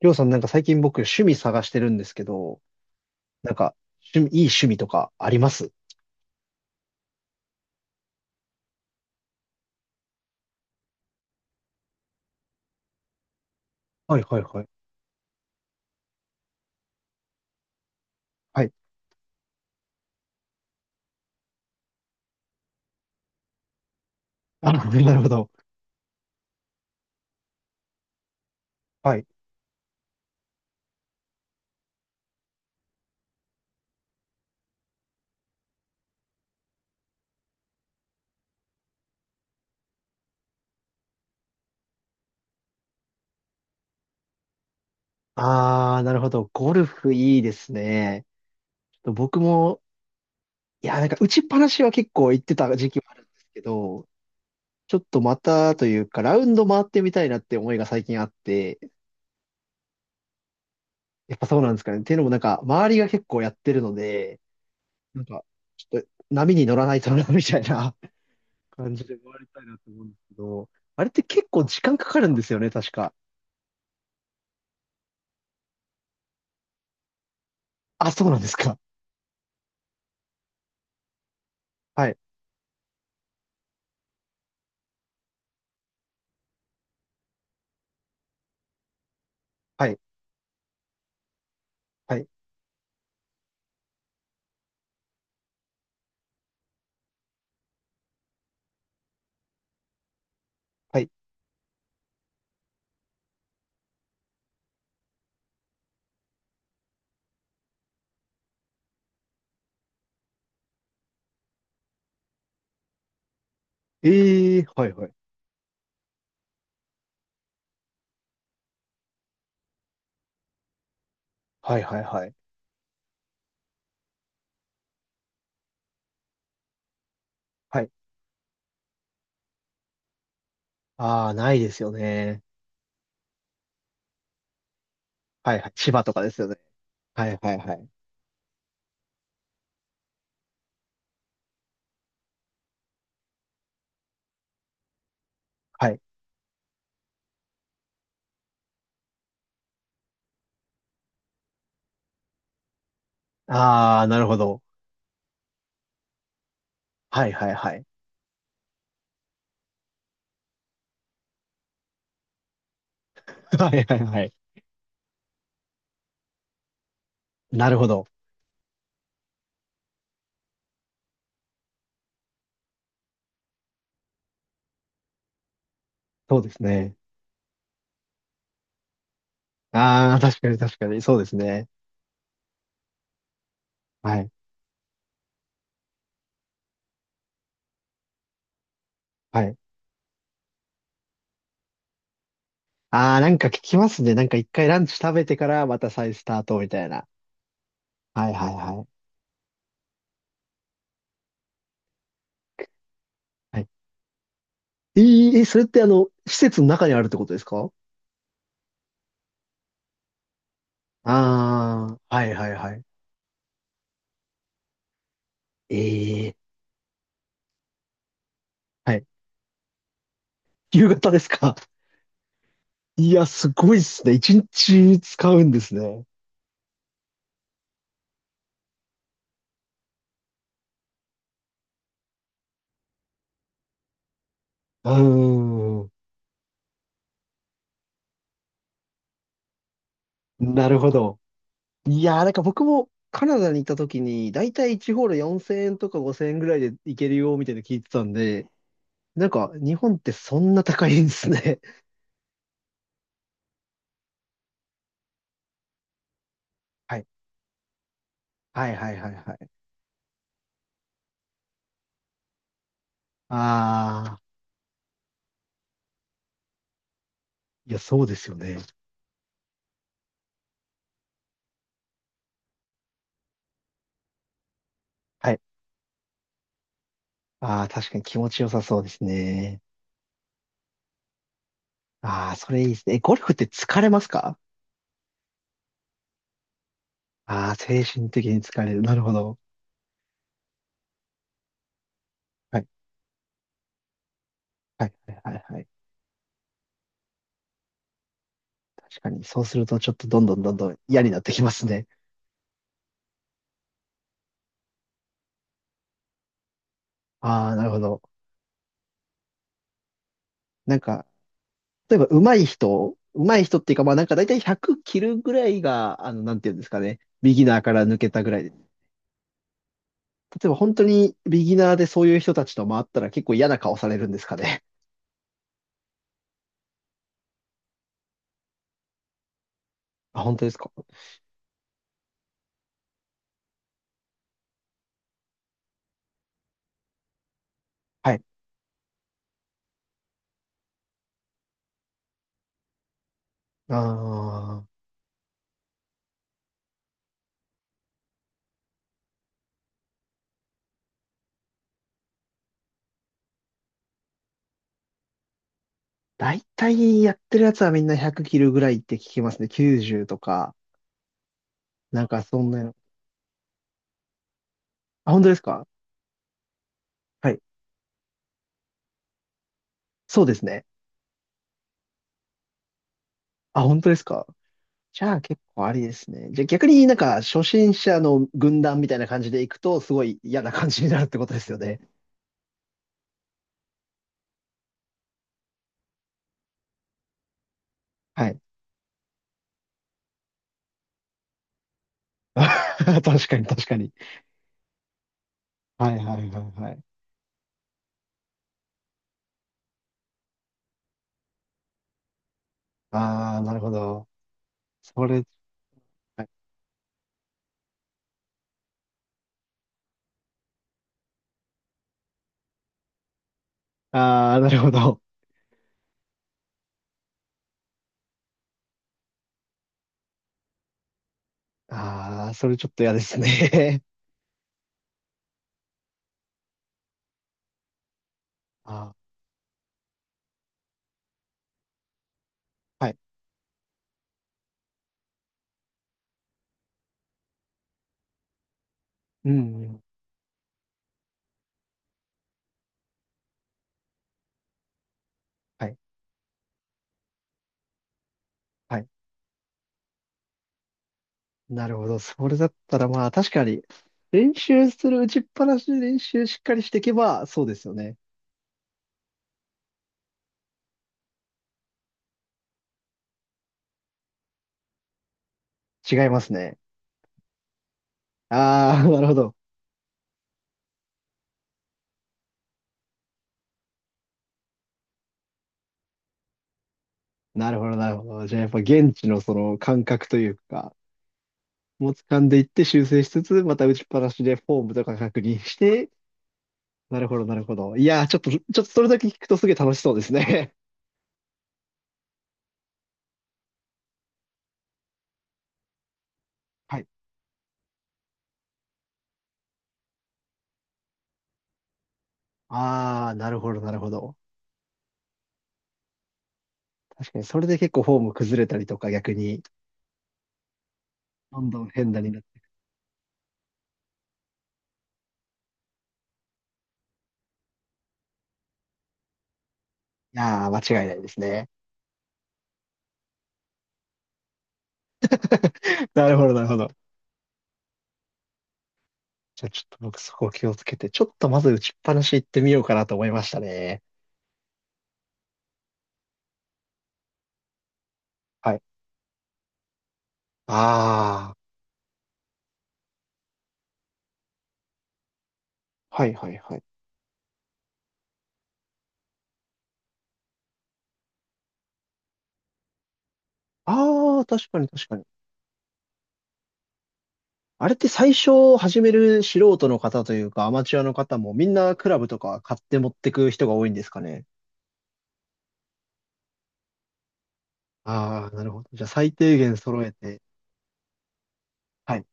りょうさん、なんか最近僕趣味探してるんですけど、なんか趣味、いい趣味とかありますはいはいはい。はい。あ、なるほど。はい。あー、なるほど。ゴルフいいですね。ちょっと僕も、いや、なんか打ちっぱなしは結構行ってた時期もあるんですけど、ちょっとまたというか、ラウンド回ってみたいなって思いが最近あって、やっぱそうなんですかね。っていうのもなんか、周りが結構やってるので、なんか、ちょっと波に乗らないとな、みたいな感じで回りたいなと思うんですけど、あれって結構時間かかるんですよね、確か。あ、そうなんですか。はい、はい、はい、はい。ええ、はい、はい。はい、はい、はい。はい。ああ、ないですよね。はい、はい。千葉とかですよね。はい、はい、はい。はい。ああ、なるほど。はい、はい、はい。はい、はい、はい。なるほど。そうですね。ああ、確かに、確かに。そうですね。はい、はい。ああ、なんか聞きますね。なんか一回ランチ食べてからまた再スタートみたいな。はい、はい、はい。はい。ええ、えそれってあの、施設の中にあるってことですか？ああー、はいはいはい。ええ。はい。夕方ですか？いや、すごいっすね。一日使うんですね。うーん。なるほど。いやー、なんか僕もカナダに行った時に、だいたい1ホール4000円とか5000円ぐらいで行けるよ、みたいなの聞いてたんで、なんか日本ってそんな高いんですね。はいはいはいはいはい。ああ、いや、そうですよね。はい。ああ、確かに気持ちよさそうですね。ああ、それいいですね。えゴルフって疲れますか？ああー、精神的に疲れる。なるほど。はい、はい、はい、はい。はい。確かに、そうするとちょっとどんどんどんどん嫌になってきますね。ああ、なるほど。なんか、例えば上手い人、上手い人っていうか、まあなんか大体100切るぐらいが、あの、なんていうんですかね。ビギナーから抜けたぐらいで。例えば本当にビギナーでそういう人たちと回ったら結構嫌な顔されるんですかね。あ、本当ですか？はい。ああ、大体やってるやつはみんな100切るぐらいって聞きますね。90とか。なんかそんなの。あ、本当ですか？はい。そうですね。あ、本当ですか？じゃあ結構ありですね。じゃあ逆になんか初心者の軍団みたいな感じで行くとすごい嫌な感じになるってことですよね。はい。確かに、確かに。はいはいはいはい。ああ、なるほど。それ、はい、ああ、なるほど。ああ、それちょっと嫌ですね。ああ、はい。うん、うん。はい。はい。なるほど。それだったらまあ確かに、練習する打ちっぱなしで練習しっかりしていけば、そうですよね。違いますね。ああ、なるほど。なるほど、なるほど。じゃあやっぱ現地のその感覚というか、もう掴んでいって修正しつつ、また打ちっぱなしでフォームとか確認して、なるほど、なるほど。いやー、ちょっとそれだけ聞くとすげえ楽しそうですね。はい。ああ、なるほど、なるほど。確かに、それで結構フォーム崩れたりとか逆に、どんどん変なになって。いやー、間違いないですね。なるほど、なるほど。じゃあちょっと僕そこを気をつけて、ちょっとまず打ちっぱなし行ってみようかなと思いましたね。はい。ああ、はいはいはい。ああ、確かに、確かに。あれって最初始める素人の方というかアマチュアの方もみんなクラブとか買って持ってく人が多いんですかね。ああ、なるほど。じゃあ最低限揃えて。はい。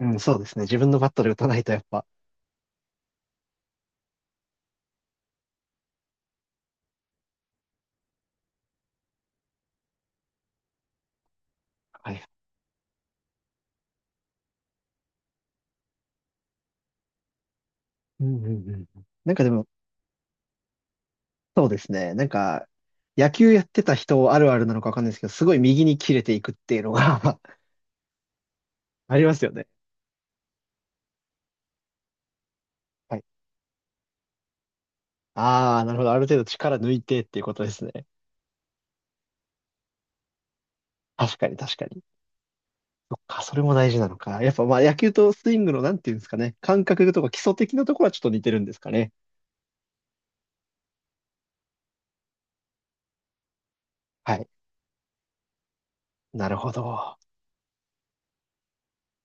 うん、そうですね。自分のバットで打たないとやっぱ。はい。うんうんうんうん。なんかでも、そうですね。なんか、野球やってた人あるあるなのかわかんないですけど、すごい右に切れていくっていうのが ありますよね。はい。ああ、なるほど。ある程度力抜いてっていうことですね。確かに、確かに。そっか、それも大事なのか。やっぱまあ野球とスイングのなんていうんですかね。感覚とか基礎的なところはちょっと似てるんですかね。はい。なるほど。